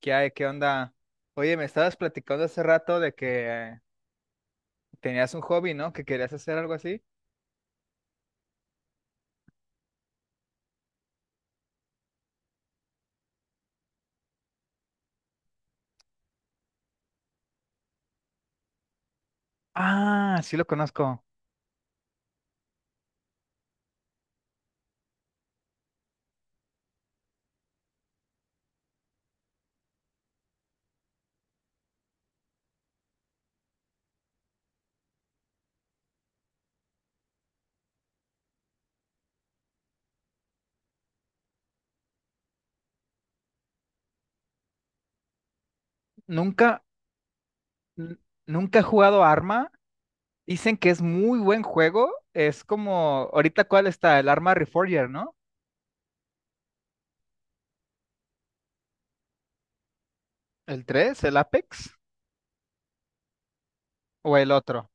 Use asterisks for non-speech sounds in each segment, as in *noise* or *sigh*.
¿Qué hay? ¿Qué onda? Oye, me estabas platicando hace rato de que tenías un hobby, ¿no? Que querías hacer algo así. Ah, sí lo conozco. Nunca, n- nunca he jugado Arma. Dicen que es muy buen juego. Es como, ahorita cuál está, el Arma Reforger, ¿no? ¿El 3, el Apex o el otro?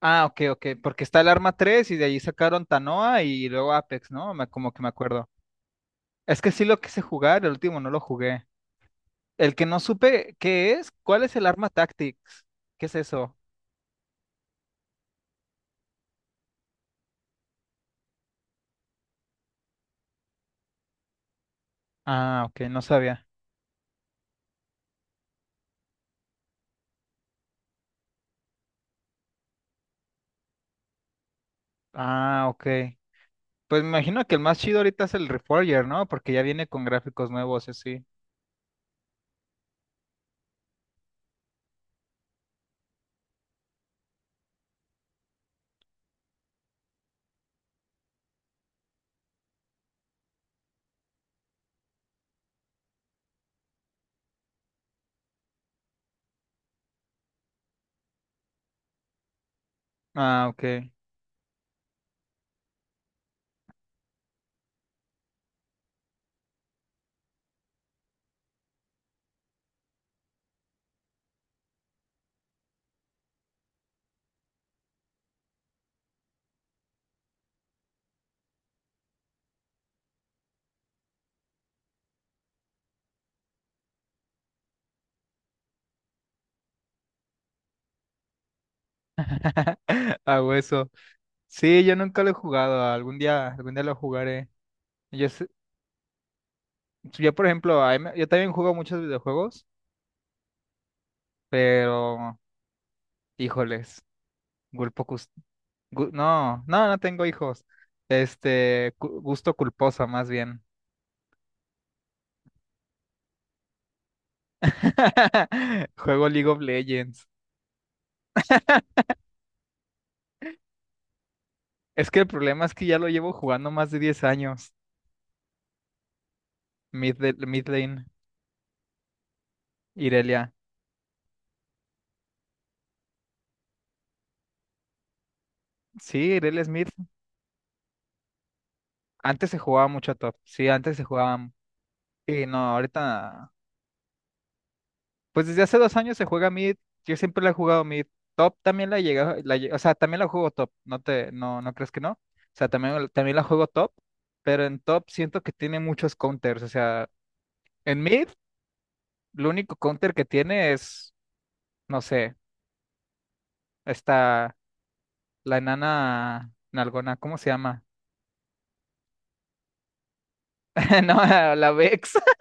Ah, ok, ok, porque está el Arma tres y de allí sacaron Tanoa y luego Apex, ¿no? Como que me acuerdo. Es que sí lo quise jugar, el último no lo jugué. El que no supe qué es, ¿cuál es el arma Tactics? ¿Qué es eso? Ah, ok, no sabía. Ah, ok. Pues me imagino que el más chido ahorita es el Reforger, ¿no? Porque ya viene con gráficos nuevos, y así. Ah, ok. *laughs* Hago eso. Sí, yo nunca lo he jugado. Algún día lo jugaré. Yo, sé- yo por ejemplo, yo también juego muchos videojuegos, pero, híjoles, culpo, cus- no, no, no tengo hijos. Gusto culposo, más bien. *laughs* Juego League of Legends. Es que el problema es que ya lo llevo jugando más de 10 años. Mid lane, Irelia. Sí, Irelia Smith. Antes se jugaba mucho a top. Sí, antes se jugaba. Y no, ahorita. Pues desde hace 2 años se juega mid. Yo siempre la he jugado mid. Top también la llega. O sea, también la juego top. No, no crees que no. O sea, también, también la juego top. Pero en top siento que tiene muchos counters. O sea, en mid, lo único counter que tiene es, no sé, esta. La enana nalgona, ¿cómo se llama? *laughs* No, la Vex. *laughs*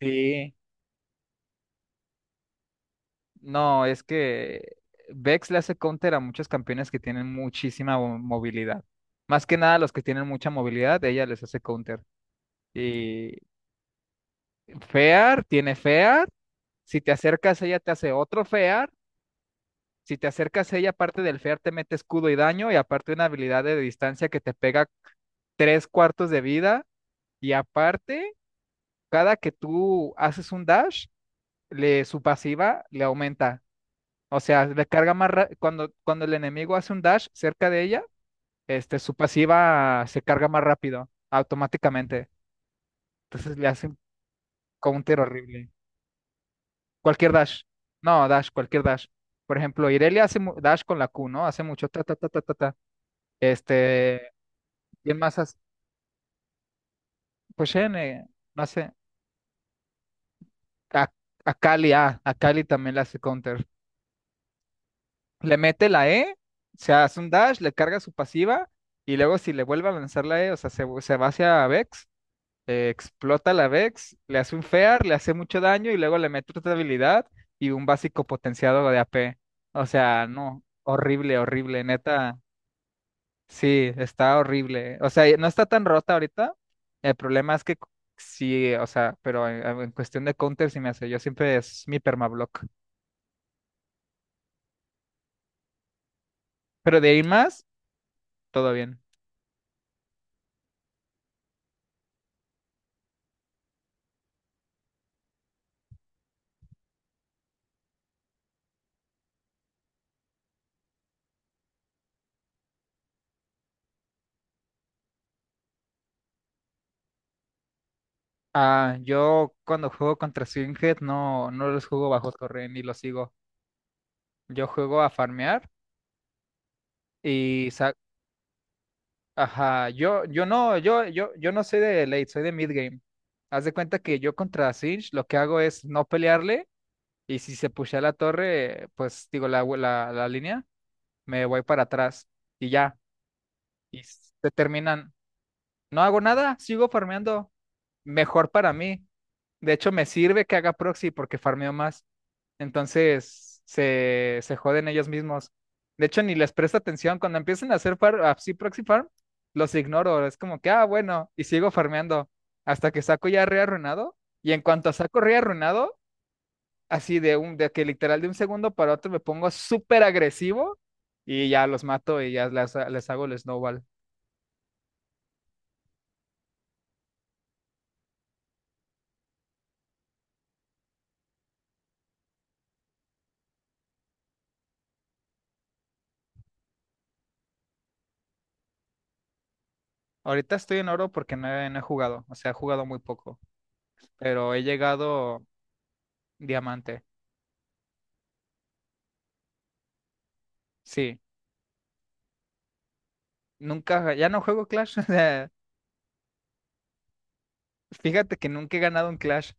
Sí. No, es que Vex le hace counter a muchos campeones que tienen muchísima movilidad. Más que nada los que tienen mucha movilidad, ella les hace counter. Y Fear tiene Fear. Si te acercas, ella te hace otro Fear. Si te acercas, ella aparte del Fear te mete escudo y daño y aparte una habilidad de distancia que te pega tres cuartos de vida. Y aparte, cada que tú haces un dash, su pasiva le aumenta. O sea, le carga más ra- cuando, cuando el enemigo hace un dash cerca de ella, su pasiva se carga más rápido, automáticamente. Entonces le hace un counter horrible. Cualquier dash. No, dash, cualquier dash. Por ejemplo, Irelia hace dash con la Q, ¿no? Hace mucho ta ta ta ta ta ta. Este, ¿quién más hace? Pues Shen, no sé. A, a Kali también le hace counter. Le mete la E, se hace un dash, le carga su pasiva y luego si le vuelve a lanzar la E, o sea, se va hacia Vex, explota la Vex, le hace un Fear, le hace mucho daño y luego le mete otra habilidad y un básico potenciado de AP. O sea, no, horrible, horrible, neta. Sí, está horrible. O sea, no está tan rota ahorita. El problema es que sí, o sea, pero en cuestión de counter sí me hace. Yo siempre es mi permablock. Pero de ahí en más, todo bien. Ah, yo cuando juego contra Swinghead no los juego bajo torre ni los sigo. Yo juego a farmear y sa- ajá, yo no soy de late, soy de mid game. Haz de cuenta que yo contra Singed lo que hago es no pelearle y si se pushea la torre, pues digo la línea, me voy para atrás y ya. Y se terminan. No hago nada, sigo farmeando. Mejor para mí. De hecho, me sirve que haga proxy porque farmeo más. Entonces se joden ellos mismos. De hecho, ni les presto atención. Cuando empiezan a hacer así proxy farm, los ignoro. Es como que, ah, bueno, y sigo farmeando hasta que saco ya re arruinado. Y en cuanto saco re arruinado, así de que literal de un segundo para otro me pongo súper agresivo y ya los mato y ya les hago el snowball. Ahorita estoy en oro porque no he jugado, o sea, he jugado muy poco, pero he llegado diamante. Sí, nunca, ya no juego Clash. *laughs* Fíjate que nunca he ganado un Clash.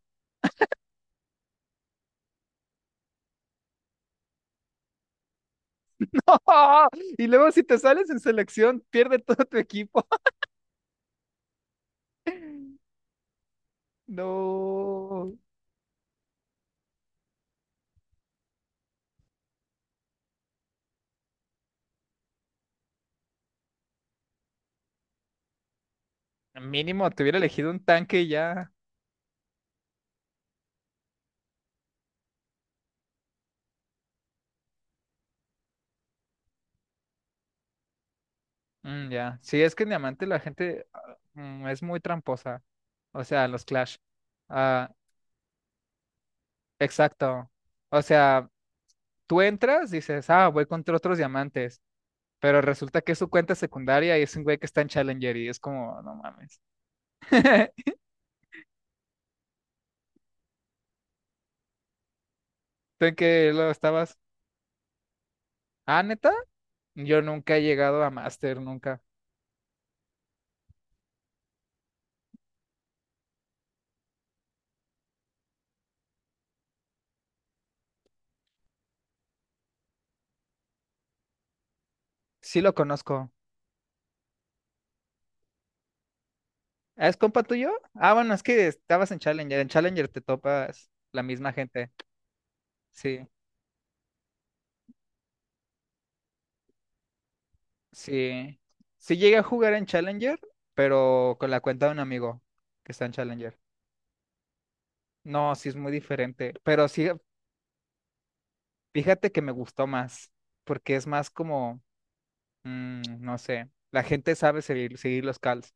*laughs* Y luego si te sales en selección, pierde todo tu equipo. *laughs* No. Mínimo, te hubiera elegido un tanque y ya. Mm, ya. Sí, es que en Diamante la gente es muy tramposa. O sea, los Clash. Ah, exacto. O sea, tú entras, dices, voy contra otros diamantes. Pero resulta que es su cuenta secundaria y es un güey que está en Challenger y es como, no mames. *laughs* ¿Tú en qué lo estabas? Ah, neta. Yo nunca he llegado a Master, nunca. Sí lo conozco. ¿Ah, es compa tuyo? Ah, bueno, es que estabas en Challenger. En Challenger te topas la misma gente. Sí, sí. Sí llegué a jugar en Challenger, pero con la cuenta de un amigo que está en Challenger. No, sí es muy diferente. Pero sí, fíjate que me gustó más, porque es más como, no sé, la gente sabe seguir los calls.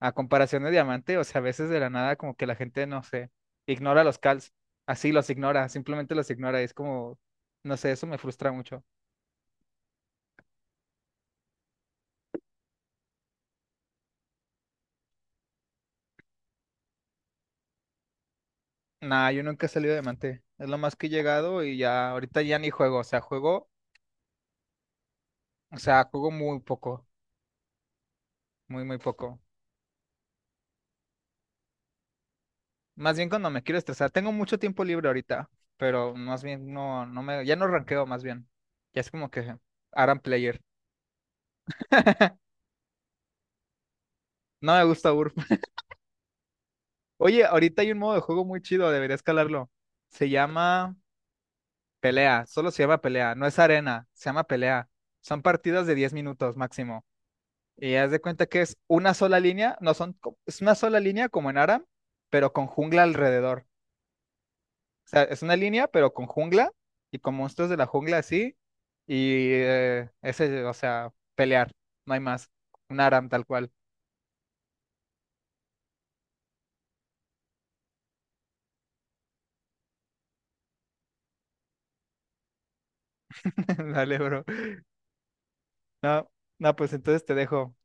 A comparación de diamante, o sea, a veces de la nada como que la gente, no sé, ignora los calls. Así los ignora, simplemente los ignora. Y es como, no sé, eso me frustra mucho. Nah, yo nunca he salido de diamante. Es lo más que he llegado y ya, ahorita ya ni juego. O sea, juego, o sea, juego muy poco, muy, muy poco. Más bien cuando me quiero estresar. Tengo mucho tiempo libre ahorita, pero más bien no, no me, ya no ranqueo más bien. Ya es como que Aran Player. No me gusta URP. *laughs* Oye, ahorita hay un modo de juego muy chido, debería escalarlo. Se llama... Pelea, solo se llama pelea, no es arena, se llama pelea. Son partidas de 10 minutos máximo. Y haz de cuenta que es una sola línea, no son, co- es una sola línea como en Aram, pero con jungla alrededor. O sea, es una línea, pero con jungla y con monstruos de la jungla así. Y ese, o sea, pelear, no hay más. Un Aram tal cual. *laughs* Dale, bro. No, no, pues entonces te dejo.